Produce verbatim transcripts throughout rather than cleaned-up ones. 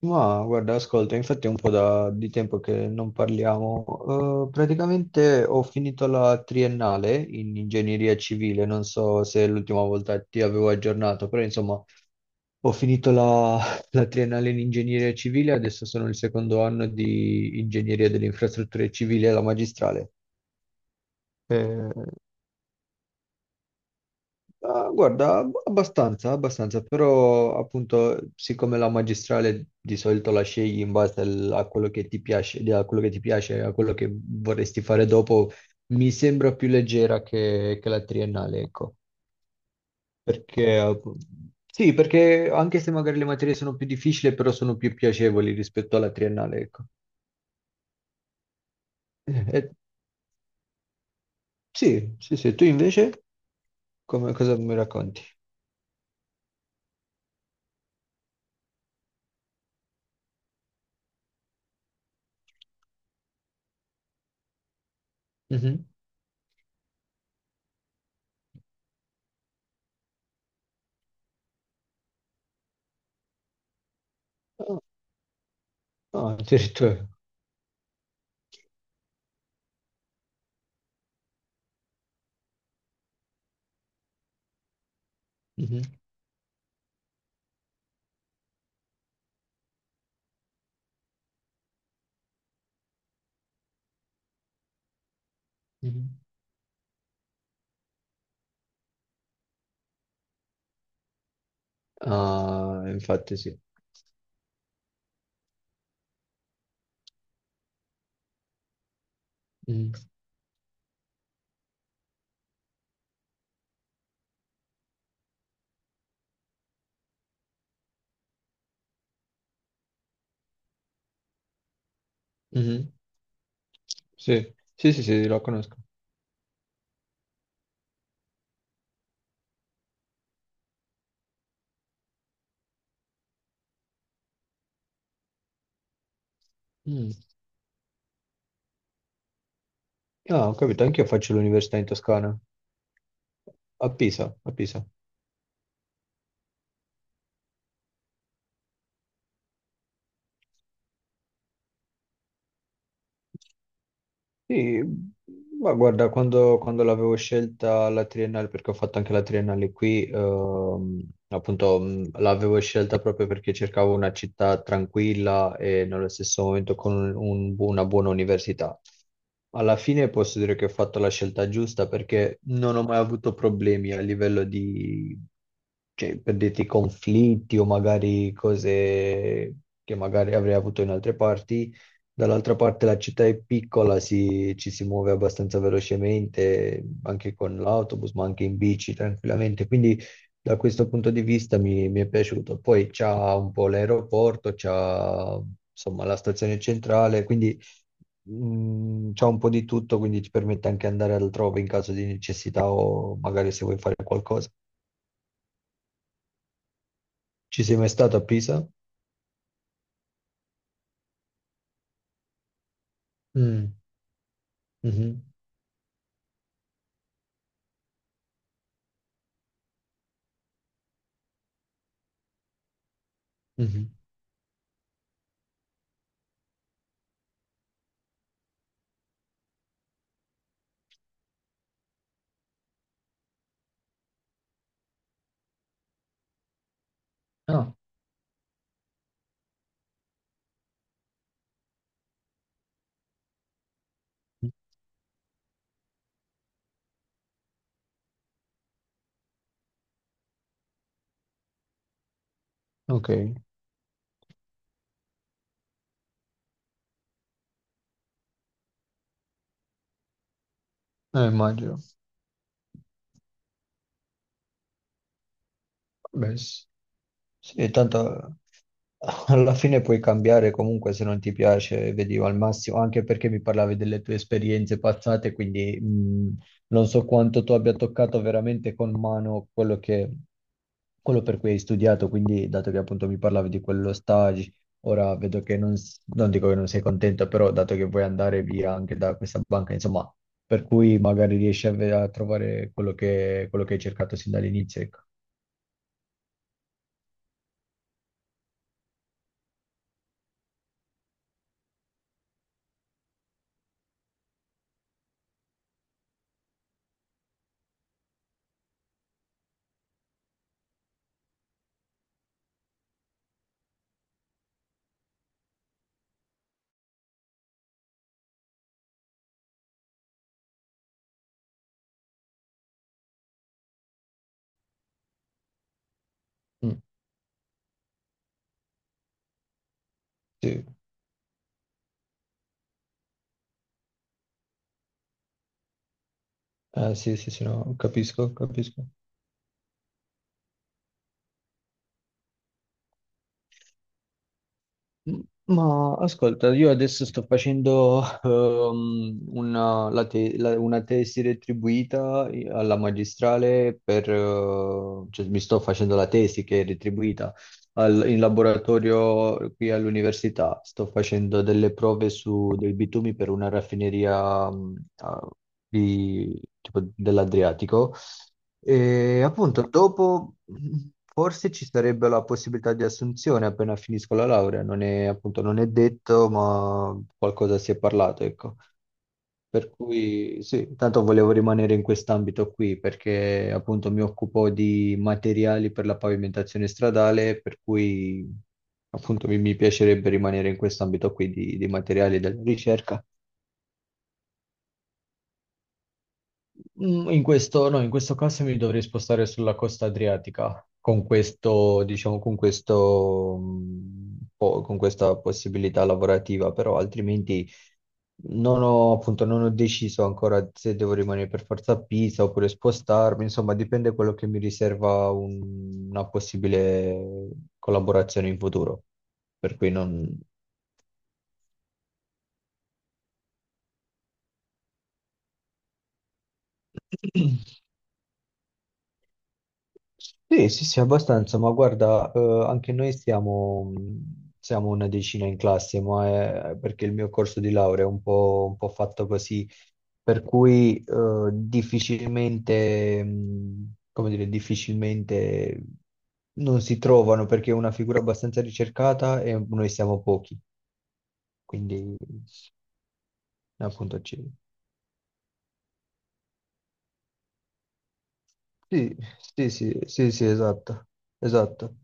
Ma guarda, ascolta, infatti è un po' da- di tempo che non parliamo. Eh, praticamente ho finito la triennale in ingegneria civile, non so se l'ultima volta ti avevo aggiornato, però insomma ho finito la, la triennale in ingegneria civile, adesso sono il secondo anno di ingegneria delle infrastrutture civili alla magistrale. Eh, Ah, guarda, ab- abbastanza, abbastanza, però appunto siccome la magistrale di solito la scegli in base al- a quello che ti piace, di- a quello che ti piace, a quello che vorresti fare dopo, mi sembra più leggera che, che la triennale, ecco, perché app- sì, perché anche se magari le materie sono più difficili, però sono più piacevoli rispetto alla triennale, ecco. Eh, eh, sì, sì, sì, tu invece come, cosa mi racconti? Mhm. Ah, ah, addirittura. Mhm, mhm. Ah, infatti sì. Mm. Mhm. Sì, sì, sì, sì, la conosco. Mm. Ah, ho capito, anch'io faccio l'università in Toscana, a Pisa, a Pisa. Sì, ma guarda, quando, quando l'avevo scelta la triennale, perché ho fatto anche la triennale qui, ehm, appunto mh, l'avevo scelta proprio perché cercavo una città tranquilla e nello stesso momento con un- una buona università. Alla fine posso dire che ho fatto la scelta giusta perché non ho mai avuto problemi a livello di, cioè, per dirti, conflitti o magari cose che magari avrei avuto in altre parti. Dall'altra parte la città è piccola, si- ci si muove abbastanza velocemente, anche con l'autobus, ma anche in bici tranquillamente. Quindi da questo punto di vista mi, mi è piaciuto. Poi c'ha un po' l'aeroporto, c'ha insomma la stazione centrale, quindi mh, c'ha un po' di tutto, quindi ti permette anche andare altrove in caso di necessità o magari se vuoi fare qualcosa. Ci sei mai stato a Pisa? Mm, mhm, mhm. Ah, ok, eh, immagino. Vabbè, sì. Sì, tanto eh, alla fine puoi cambiare comunque se non ti piace, vedi al massimo, anche perché mi parlavi delle tue esperienze passate, quindi mh, non so quanto tu abbia toccato veramente con mano quello che, quello per cui hai studiato, quindi dato che appunto mi parlavi di quello stage, ora vedo che non, s- non dico che non sei contento, però dato che vuoi andare via anche da questa banca, insomma, per cui magari riesci a, ve- a trovare quello che, quello che hai cercato sin dall'inizio, ecco. Mm, sì. Eh, sì, sì, sì, no, capisco, capisco. M- Ma ascolta, io adesso sto facendo ehm, una, la te- la- una tesi retribuita alla magistrale per, eh, cioè mi sto facendo la tesi che è retribuita al- in laboratorio qui all'università. Sto facendo delle prove su dei bitumi per una raffineria mh, a- di- tipo dell'Adriatico. E appunto, dopo mh, forse ci sarebbe la possibilità di assunzione appena finisco la laurea, non è, appunto, non è detto, ma qualcosa si è parlato, ecco. Per cui sì, tanto volevo rimanere in quest'ambito qui perché appunto mi occupo di materiali per la pavimentazione stradale, per cui appunto mi, mi piacerebbe rimanere in quest'ambito qui di, di materiali della ricerca. Mm, in questo, no, in questo caso mi dovrei spostare sulla costa adriatica, con questo, diciamo, con questo, mm, po- con questa possibilità lavorativa, però altrimenti non ho, appunto, non ho deciso ancora se devo rimanere per forza a Pisa oppure spostarmi, insomma, dipende quello che mi riserva un- una possibile collaborazione in futuro, per cui non... Sì, sì, sì, abbastanza, ma guarda, eh, anche noi siamo, mh, siamo una decina in classe, ma è perché il mio corso di laurea è un po', un po' fatto così, per cui eh, difficilmente, mh, come dire, difficilmente non si trovano perché è una figura abbastanza ricercata e noi siamo pochi, quindi appunto ci... Sì, sì, sì, sì, sì, esatto, esatto.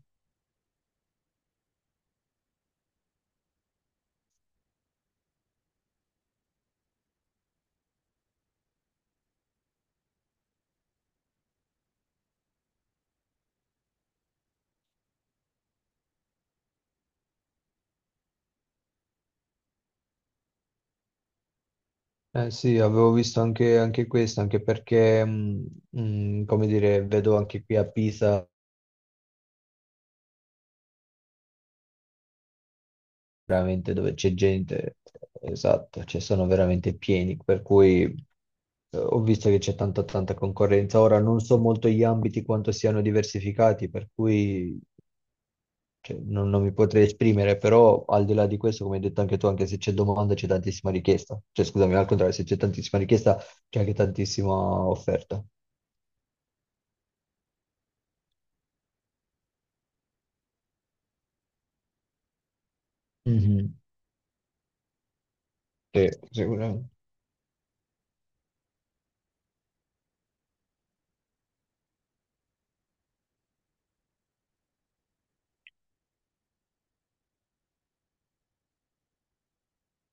Eh sì, avevo visto anche, anche questo, anche perché, mh, mh, come dire, vedo anche qui a Pisa, veramente dove c'è gente, esatto, cioè sono veramente pieni, per cui eh, ho visto che c'è tanta tanta concorrenza. Ora non so molto gli ambiti quanto siano diversificati, per cui cioè, non, non mi potrei esprimere, però al di là di questo, come hai detto anche tu, anche se c'è domanda c'è tantissima richiesta, cioè scusami, al contrario, se c'è tantissima richiesta c'è anche tantissima offerta. Mhm. Sì, sicuramente.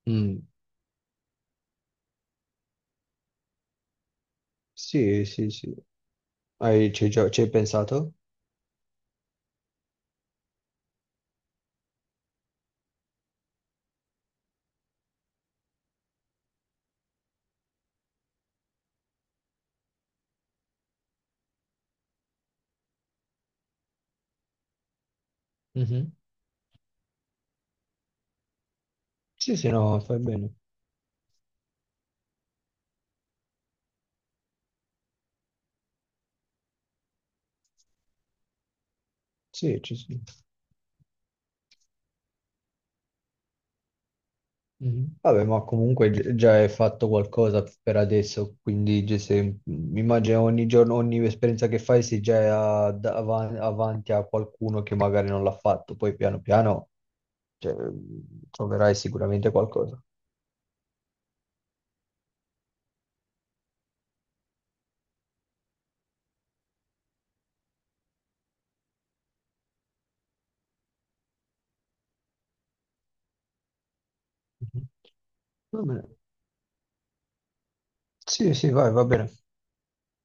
Mm. Sì, sì, sì. Hai, ci hai già- ci hai pensato? Mhm, sì, sì, no, fai bene. Sì, ci sono. Mhm. Vabbè, ma comunque gi- già hai fatto qualcosa per adesso, quindi gi- se, mh, immagino ogni giorno, ogni esperienza che fai sei già a- da- avan- avanti a qualcuno che magari non l'ha fatto, poi piano piano cioè, troverai sicuramente qualcosa. Mhm. Va bene. Sì, sì, vai, va bene.